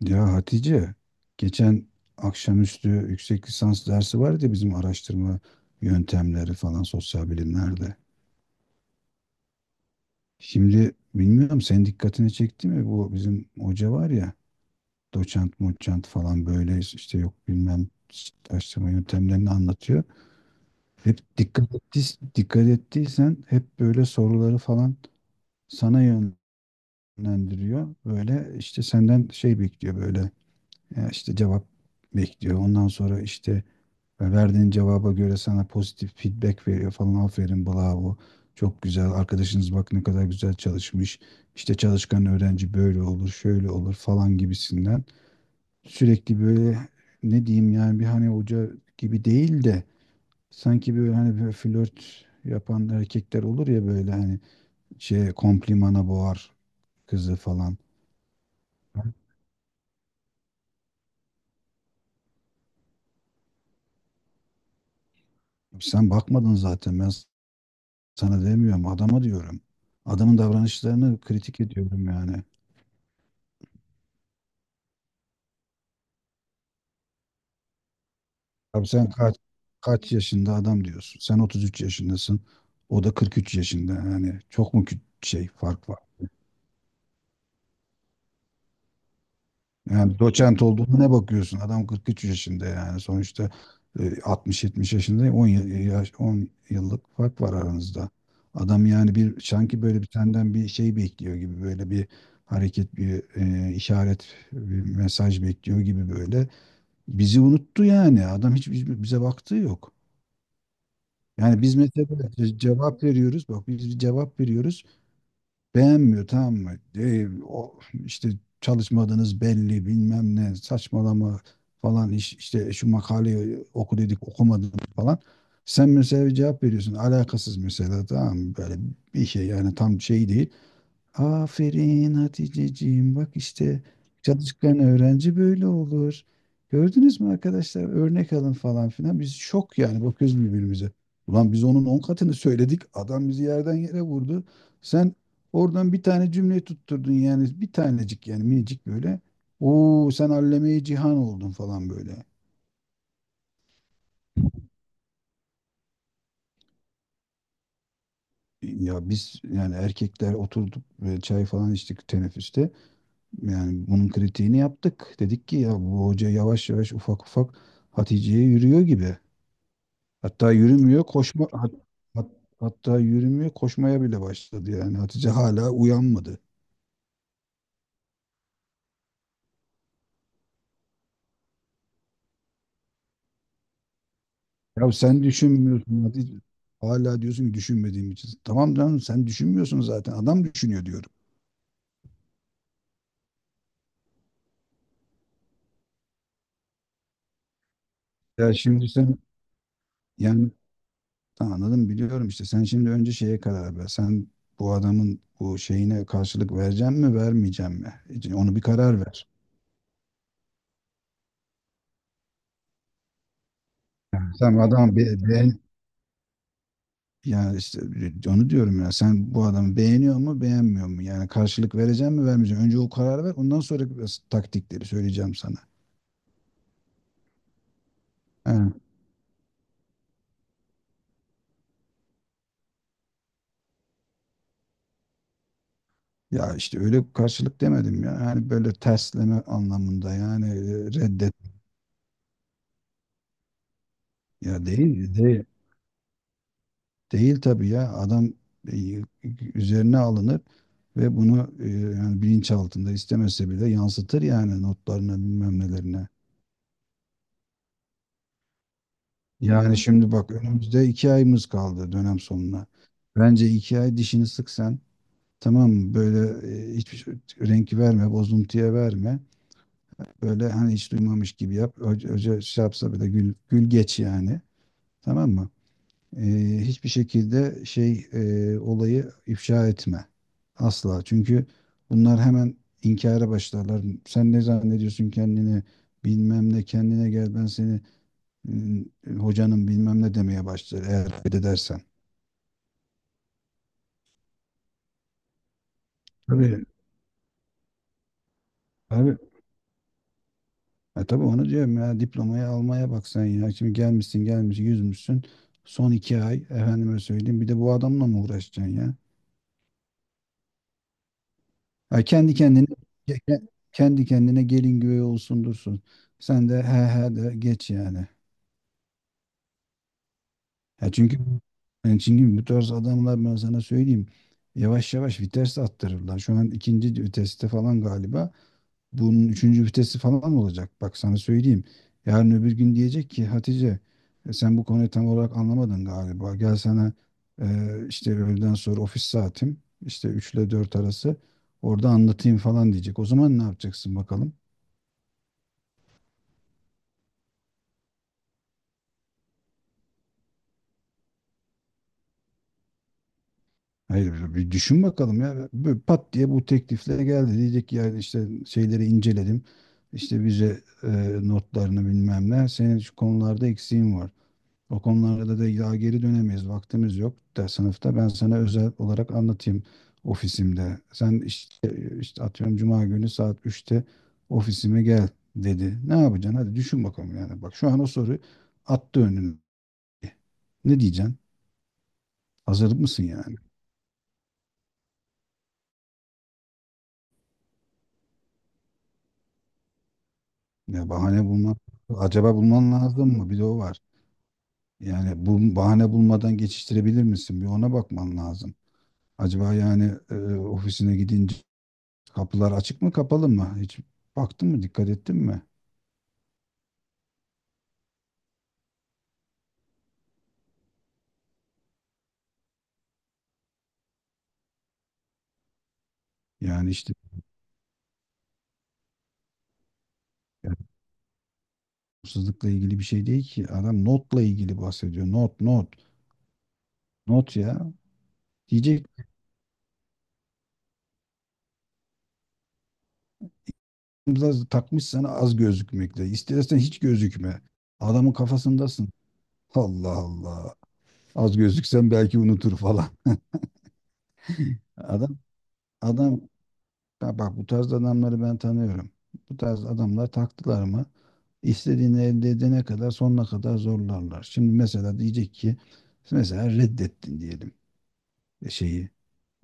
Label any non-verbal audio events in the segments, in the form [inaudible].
Ya Hatice, geçen akşamüstü yüksek lisans dersi vardı ya bizim araştırma yöntemleri falan sosyal bilimlerde. Şimdi bilmiyorum senin dikkatini çekti mi, bu bizim hoca var ya, doçent moçent falan böyle işte yok bilmem araştırma yöntemlerini anlatıyor. Hep dikkat ettiysen hep böyle soruları falan sana yönlendiriyor. Böyle işte senden şey bekliyor, böyle ya işte cevap bekliyor. Ondan sonra işte ve verdiğin cevaba göre sana pozitif feedback veriyor falan. Aferin, bravo. Çok güzel. Arkadaşınız bak ne kadar güzel çalışmış. İşte çalışkan öğrenci böyle olur, şöyle olur falan gibisinden. Sürekli böyle, ne diyeyim yani, bir hani hoca gibi değil de sanki böyle hani böyle flört yapan erkekler olur ya, böyle hani şey komplimana boğar kızı falan. Sen bakmadın zaten, ben sana demiyorum, adama diyorum. Adamın davranışlarını kritik ediyorum yani. Abi sen kaç yaşında adam diyorsun. Sen 33 yaşındasın. O da 43 yaşında. Yani çok mu şey fark var? Yani doçent olduğuna ne bakıyorsun? Adam 43 yaşında yani sonuçta, 60-70 yaşında, 10 yıl, yaş, 10 yıllık fark var aranızda. Adam yani bir sanki böyle bir senden bir şey bekliyor gibi, böyle bir hareket, bir işaret, bir mesaj bekliyor gibi böyle. Bizi unuttu yani. Adam hiç hiç bize baktığı yok. Yani biz mesela cevap veriyoruz. Bak biz bir cevap veriyoruz. Beğenmiyor, tamam mı? E, o, işte çalışmadınız belli, bilmem ne saçmalama falan, işte şu makaleyi oku dedik, okumadın falan. Sen mesela bir cevap veriyorsun alakasız mesela, tamam mı? Böyle bir şey yani, tam şey değil. Aferin Haticeciğim. Bak işte çalışkan öğrenci böyle olur. Gördünüz mü arkadaşlar? Örnek alın falan filan. Biz şok yani, bakıyoruz birbirimize. Ulan biz onun on katını söyledik, adam bizi yerden yere vurdu. Sen oradan bir tane cümle tutturdun yani, bir tanecik yani, minicik böyle. Oo sen alleme-i cihan oldun falan böyle. Ya biz yani erkekler oturduk ve çay falan içtik teneffüste. Yani bunun kritiğini yaptık. Dedik ki ya, bu hoca yavaş yavaş, ufak ufak Hatice'ye yürüyor gibi. Hatta yürümüyor koşma hat- hat- hatta yürümüyor, koşmaya bile başladı yani. Hatice hala uyanmadı. Ya sen düşünmüyorsun Hatice. Hala diyorsun ki düşünmediğim için. Tamam canım, sen düşünmüyorsun zaten. Adam düşünüyor diyorum. Ya şimdi sen yani, tamam, anladım, biliyorum işte. Sen şimdi önce şeye karar ver. Sen bu adamın bu şeyine karşılık vereceğim mi vermeyeceğim mi? Onu bir karar ver. Yani sen adam beğen yani işte, onu diyorum ya, sen bu adamı beğeniyor mu beğenmiyor mu? Yani karşılık vereceğim mi vermeyeceğim? Önce o kararı ver, ondan sonra taktikleri söyleyeceğim sana. He. Ya işte öyle karşılık demedim ya. Yani böyle tersleme anlamında yani, reddet. Ya değil, değil, değil, tabii ya, adam e, üzerine alınır ve bunu yani bilinç altında istemese bile yansıtır yani, notlarına bilmem nelerine. Yani şimdi bak, önümüzde iki ayımız kaldı dönem sonuna. Bence iki ay dişini sık sen. Tamam mı? Böyle e, hiçbir şey- renk verme, bozuntuya verme. Böyle hani hiç duymamış gibi yap. Hoca şey yapsa bile gül, gül geç yani. Tamam mı? E, hiçbir şekilde şey, olayı ifşa etme. Asla. Çünkü bunlar hemen inkara başlarlar. Sen ne zannediyorsun kendini? Bilmem ne, kendine gel, ben seni Hmm, hocanın bilmem ne demeye başlar eğer reddedersen. Tabii. Abi, tabii, onu diyorum ya, diplomayı almaya bak sen ya. Şimdi gelmişsin yüzmüşsün. Son iki ay, efendime söyleyeyim, bir de bu adamla mı uğraşacaksın ya? Ha, kendi kendine gelin güvey olsun dursun. Sen de he he de geç yani. Ya yani çünkü bu tarz adamlar, ben sana söyleyeyim, yavaş yavaş vites attırırlar. Şu an ikinci viteste falan galiba. Bunun üçüncü vitesi falan olacak. Bak sana söyleyeyim. Yarın öbür gün diyecek ki Hatice, sen bu konuyu tam olarak anlamadın galiba. Gel sana e, işte öğleden sonra ofis saatim, işte 3 ile 4 arası, orada anlatayım falan diyecek. O zaman ne yapacaksın bakalım? Hayır, bir düşün bakalım ya. Böyle pat diye bu teklifle geldi. Diyecek ki yani işte şeyleri inceledim. İşte bize, notlarını bilmem ne. Senin şu konularda eksiğin var. O konularda da ya geri dönemeyiz, vaktimiz yok da sınıfta. Ben sana özel olarak anlatayım ofisimde. Sen işte atıyorum cuma günü saat 3'te ofisime gel dedi. Ne yapacaksın? Hadi düşün bakalım yani. Bak şu an o soru attı önüne. Ne diyeceksin? Hazır mısın yani? Ya acaba bulman lazım mı? Bir de o var. Yani bu bahane bulmadan geçiştirebilir misin? Bir ona bakman lazım. Acaba yani ofisine gidince, kapılar açık mı kapalı mı? Hiç baktın mı, dikkat ettin mi? Yani işte yani, hırsızlıkla ilgili bir şey değil ki. Adam notla ilgili bahsediyor. Not, not. Not ya. Diyecek, biraz takmış sana az gözükmekle. İstersen hiç gözükme. Adamın kafasındasın. Allah Allah. Az gözüksen belki unutur falan. Adam adam Ya bak, bu tarz adamları ben tanıyorum. Bu tarz adamlar taktılar mı, istediğini elde edene kadar sonuna kadar zorlarlar. Şimdi mesela diyecek ki, mesela reddettin diyelim şeyi,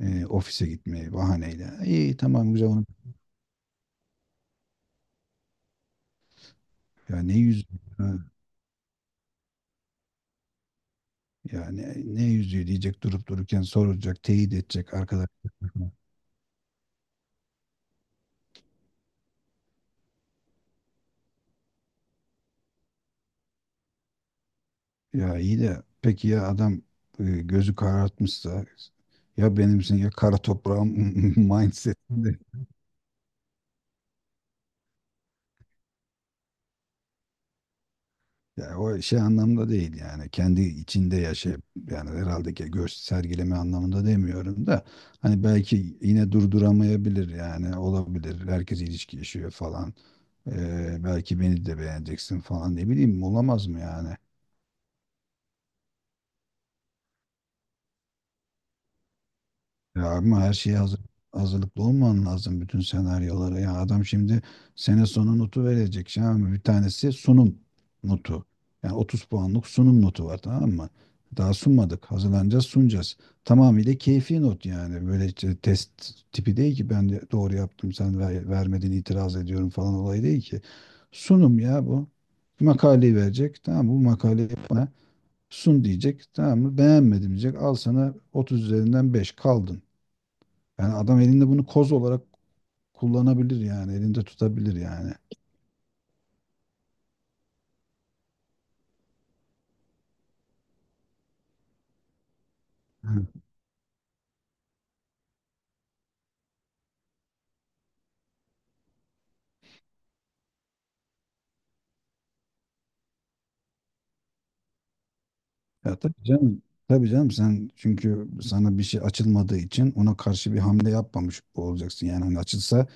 ofise gitmeyi bahaneyle. İyi, tamam, güzel onu. Ya ne yüzü ha, ya ne yüzüğü diyecek durup dururken, soracak, teyit edecek arkadaş. Ya iyi de peki ya adam gözü karartmışsa, ya benimsin ya kara toprağım [laughs] mindset. Ya o şey anlamda değil yani, kendi içinde yaşayıp, yani herhalde ki göç sergileme anlamında demiyorum da, hani belki yine durduramayabilir yani, olabilir, herkes ilişki yaşıyor falan. Belki beni de beğeneceksin falan, ne bileyim, olamaz mı yani? Ya ama her şeye hazırlıklı olman lazım bütün senaryolara. Ya adam şimdi sene sonu notu verecek. Şimdi bir tanesi sunum notu. Yani 30 puanlık sunum notu var, tamam mı? Daha sunmadık. Hazırlanacağız, sunacağız. Tamamıyla keyfi not yani. Böyle işte test tipi değil ki, ben de doğru yaptım sen vermedin, itiraz ediyorum falan olay değil ki. Sunum ya bu. Makaleyi verecek. Tamam mı? Bu makaleyi bana sun diyecek. Tamam mı? Beğenmedim diyecek. Al sana 30 üzerinden beş, kaldın. Yani adam elinde bunu koz olarak kullanabilir yani, elinde tutabilir yani. Hı. Ya tabii canım. Tabii canım, sen çünkü sana bir şey açılmadığı için ona karşı bir hamle yapmamış olacaksın. Yani hani açılsa,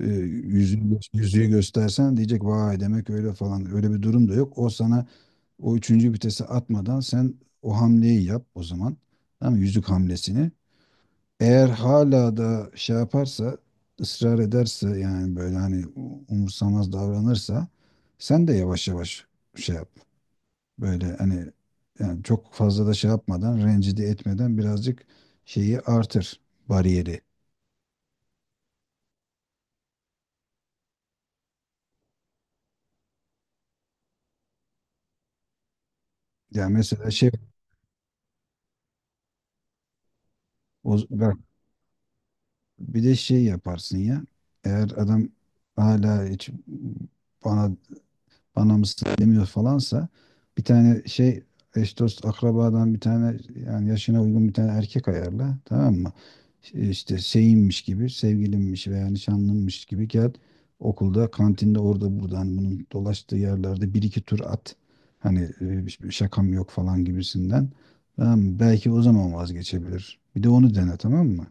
yüzüğü göstersen, diyecek vay demek öyle falan. Öyle bir durum da yok. O sana o üçüncü vitesi atmadan sen o hamleyi yap o zaman. Tamam mı? Yüzük hamlesini. Eğer hala da şey yaparsa, ısrar ederse yani, böyle hani umursamaz davranırsa, sen de yavaş yavaş şey yap. Böyle hani yani, çok fazla da şey yapmadan, rencide etmeden, birazcık şeyi artır, bariyeri. Yani mesela şey, o, bak bir de şey yaparsın ya. Eğer adam hala hiç bana bana mısın demiyor falansa, bir tane şey, eş dost akrabadan bir tane, yani yaşına uygun bir tane erkek ayarla, tamam mı? İşte şeyinmiş gibi, sevgilinmiş veya nişanlınmış gibi gel, okulda, kantinde, orada buradan bunun dolaştığı yerlerde bir iki tur at. Hani hiçbir şakam yok falan gibisinden. Tamam mı? Belki o zaman vazgeçebilir. Bir de onu dene, tamam mı?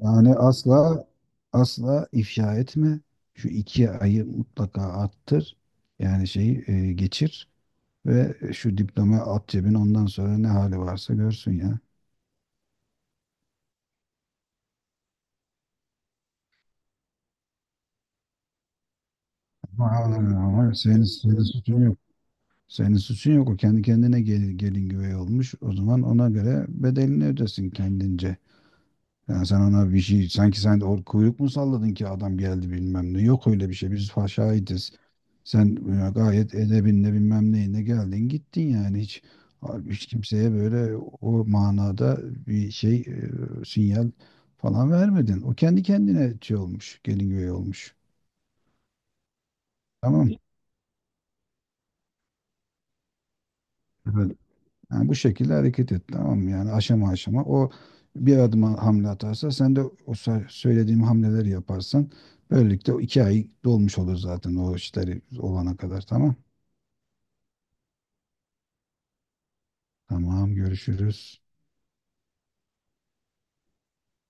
Yani asla, asla ifşa etme. Şu iki ayı mutlaka attır. Yani şeyi geçir ve şu diplomayı at cebine, ondan sonra ne hali varsa görsün ya. Ama, ama senin suçun yok. Senin suçun yok. O kendi kendine gelin güvey olmuş. O zaman ona göre bedelini ödesin kendince. Yani sen ona bir şey, sanki sen de kuyruk mu salladın ki adam geldi bilmem ne. Yok öyle bir şey. Biz şahidiz. Sen gayet edebinle bilmem neyine geldin gittin yani, hiç hiç kimseye böyle o manada bir şey, sinyal falan vermedin. O kendi kendine şey olmuş, gelin güvey olmuş. Tamam. Evet. Yani bu şekilde hareket et, tamam mı? Yani aşama aşama. O bir adım hamle atarsa sen de o söylediğim hamleleri yaparsan, böylelikle o iki ay dolmuş olur zaten, o işleri olana kadar, tamam. Tamam, görüşürüz.